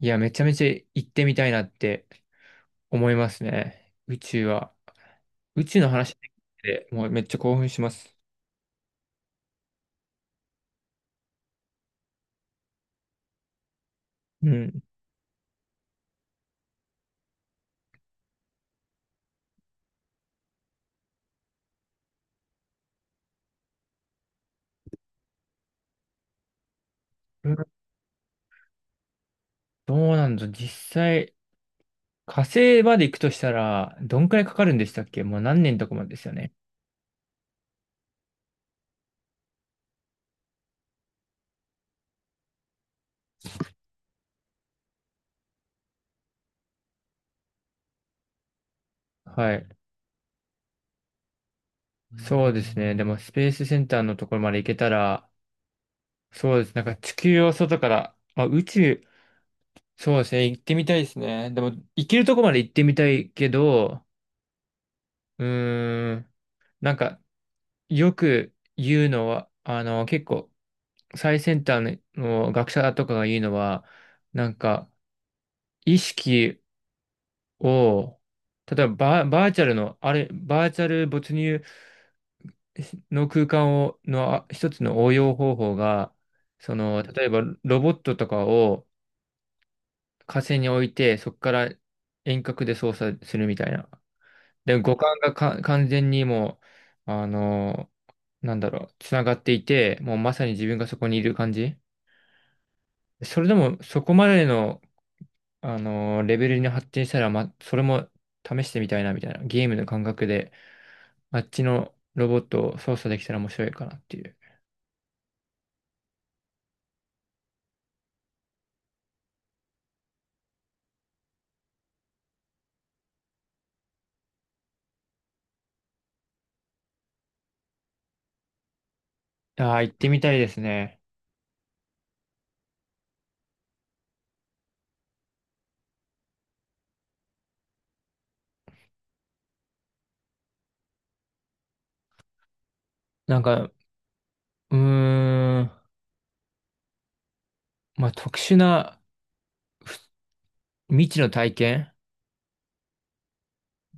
いや、めちゃめちゃ行ってみたいなって思いますね。宇宙は。宇宙の話できて、もうめっちゃ興奮します。うん。どうなんだ、実際、火星まで行くとしたら、どんくらいかかるんでしたっけ。もう何年とかまでですよね。はい。そうですね。でも、スペースセンターのところまで行けたら、そうです。なんか地球を外から、まあ、宇宙、そうですね。行ってみたいですね。でも、行けるとこまで行ってみたいけど、うーん。なんか、よく言うのは、結構、最先端の学者とかが言うのは、なんか、意識を、例えばバーチャルの、あれ、バーチャル没入の空間を、のあ一つの応用方法が、その、例えばロボットとかを火星に置いて、そこから遠隔で操作するみたいな。で、五感がか完全にもう、なんだろう、つながっていて、もうまさに自分がそこにいる感じ。それでも、そこまでの、レベルに発展したら、ま、それも試してみたいな、みたいな。ゲームの感覚で、あっちのロボットを操作できたら面白いかなっていう。ああ、行ってみたいですね。なんか、うーん、まあ、特殊な未知の体験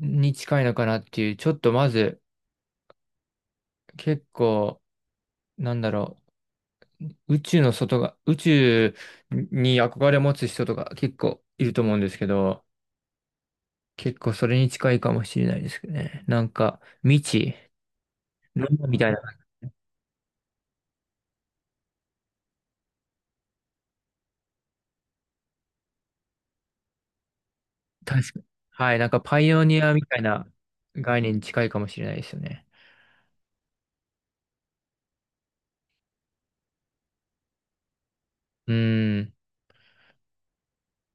に近いのかなっていう。ちょっとまず、結構、なんだろう。宇宙の外が、宇宙に憧れを持つ人とか結構いると思うんですけど、結構それに近いかもしれないですけどね。なんか、未知、ルーみたいな、確かに。はい、なんかパイオニアみたいな概念に近いかもしれないですよね。うーん、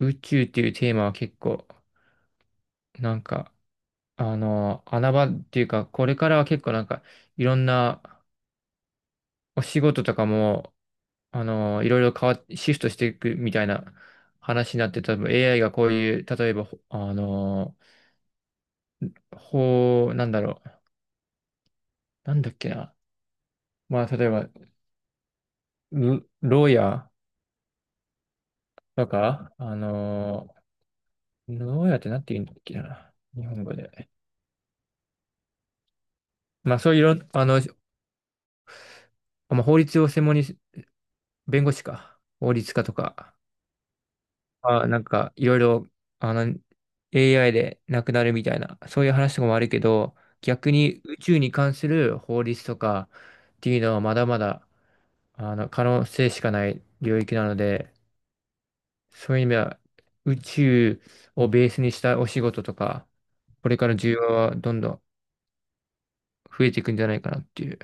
宇宙っていうテーマは結構、なんか、穴場っていうか、これからは結構なんか、いろんなお仕事とかも、いろいろ変わっ、シフトしていくみたいな話になって、多分 AI がこういう、例えば、ほあの、法、なんだろう、なんだっけな。まあ、例えば、牢屋とか、牢屋ってなんて言うんだっけな、日本語で。まあそういういろ、あの、まあ、法律を専門に、弁護士か、法律家とか、あ、なんかいろいろ、あの、AI でなくなるみたいな、そういう話とかもあるけど、逆に宇宙に関する法律とかっていうのはまだまだ、可能性しかない領域なので、そういう意味では、宇宙をベースにしたお仕事とか、これから需要はどんどん増えていくんじゃないかなっていう。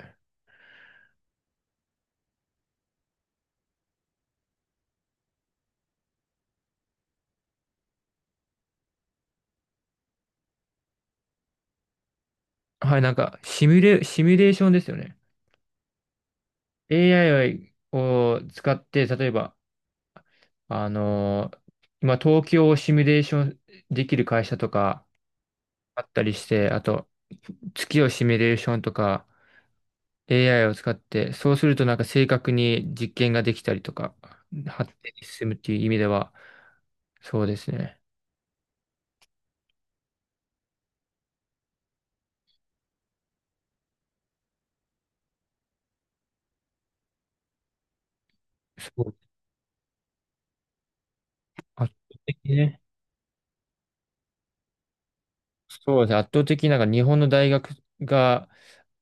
はい、なんか、シミュレーションですよね。AI を使って、例えば、あのー今、東京をシミュレーションできる会社とかあったりして、あと、月をシミュレーションとか、AI を使って、そうするとなんか正確に実験ができたりとか、発展に進むっていう意味では、そうですね。そう圧倒的ね。そうですね。圧倒的になんか日本の大学が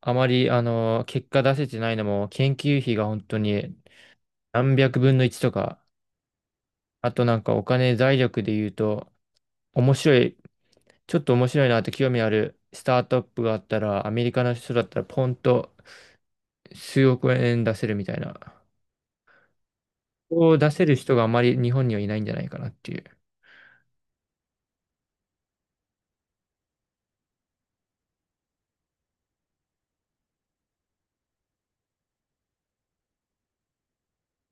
あまり、結果出せてないのも、研究費が本当に何百分の1とか、あとなんかお金財力で言うと、面白い、ちょっと面白いなって興味あるスタートアップがあったら、アメリカの人だったらポンと数億円出せるみたいな。を出せる人があまり日本にはいないんじゃないかなっていう。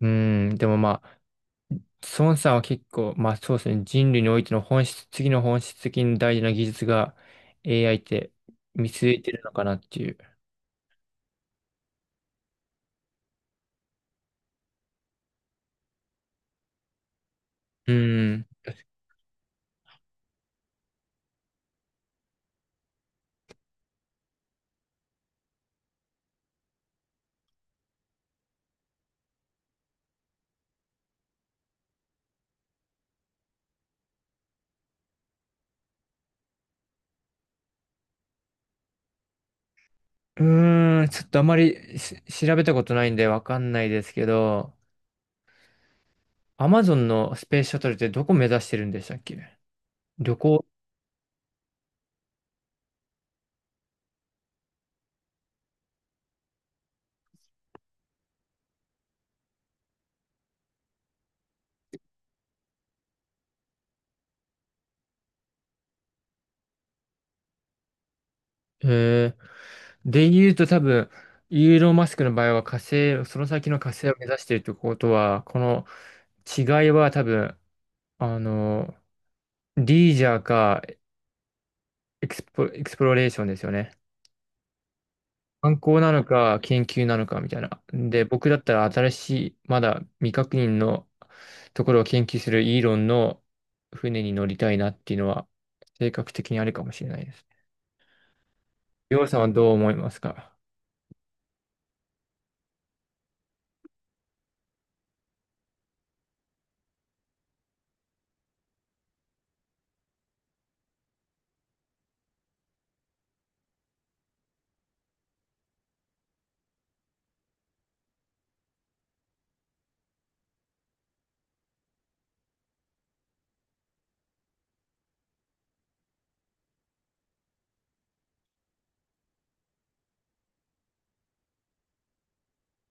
うん、でもまあ孫さんは結構、まあそうですね、人類においての本質、次の本質的に大事な技術が AI って見据えてるのかなっていう。うん。うーん、ちょっとあまり調べたことないんでわかんないですけど、アマゾンのスペースシャトルってどこ目指してるんでしたっけ。旅行。えー、で言うと多分、イーロン・マスクの場合は火星、その先の火星を目指しているということは、この違いは多分、あの、リージャーかエクスプロレーションですよね。観光なのか、研究なのかみたいな。で、僕だったら新しい、まだ未確認のところを研究するイーロンの船に乗りたいなっていうのは、性格的にあるかもしれないですね。りょうさんはどう思いますか？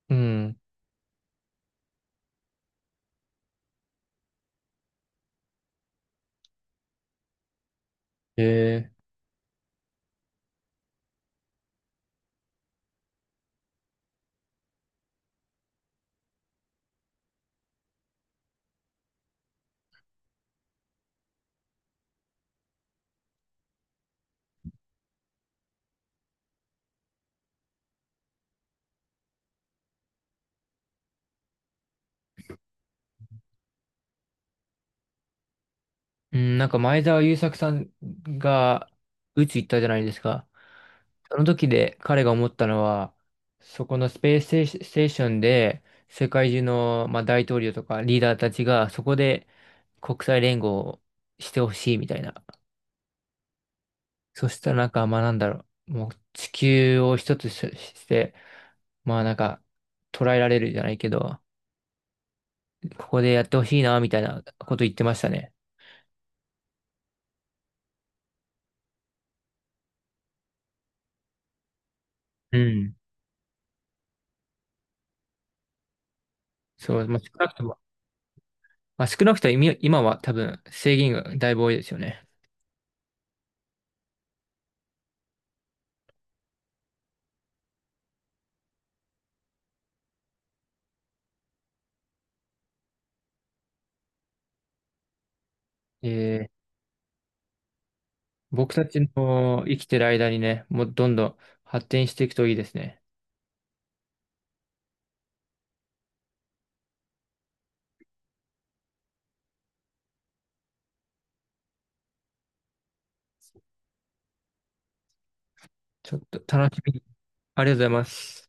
うん。えー、うん、なんか前澤友作さんが宇宙行ったじゃないですか。その時で彼が思ったのは、そこのスペースステーシステーションで世界中の、まあ、大統領とかリーダーたちがそこで国際連合をしてほしいみたいな。そしたらなんか、まあなんだろう、もう地球を一つしして、まあなんか捉えられるじゃないけど、ここでやってほしいなみたいなこと言ってましたね。うん。そう、まあ、少なくとも今は多分制限がだいぶ多いですよね。えー、僕たちの生きてる間にね、もうどんどん発展していくといいですね。ちょっと楽しみに。ありがとうございます。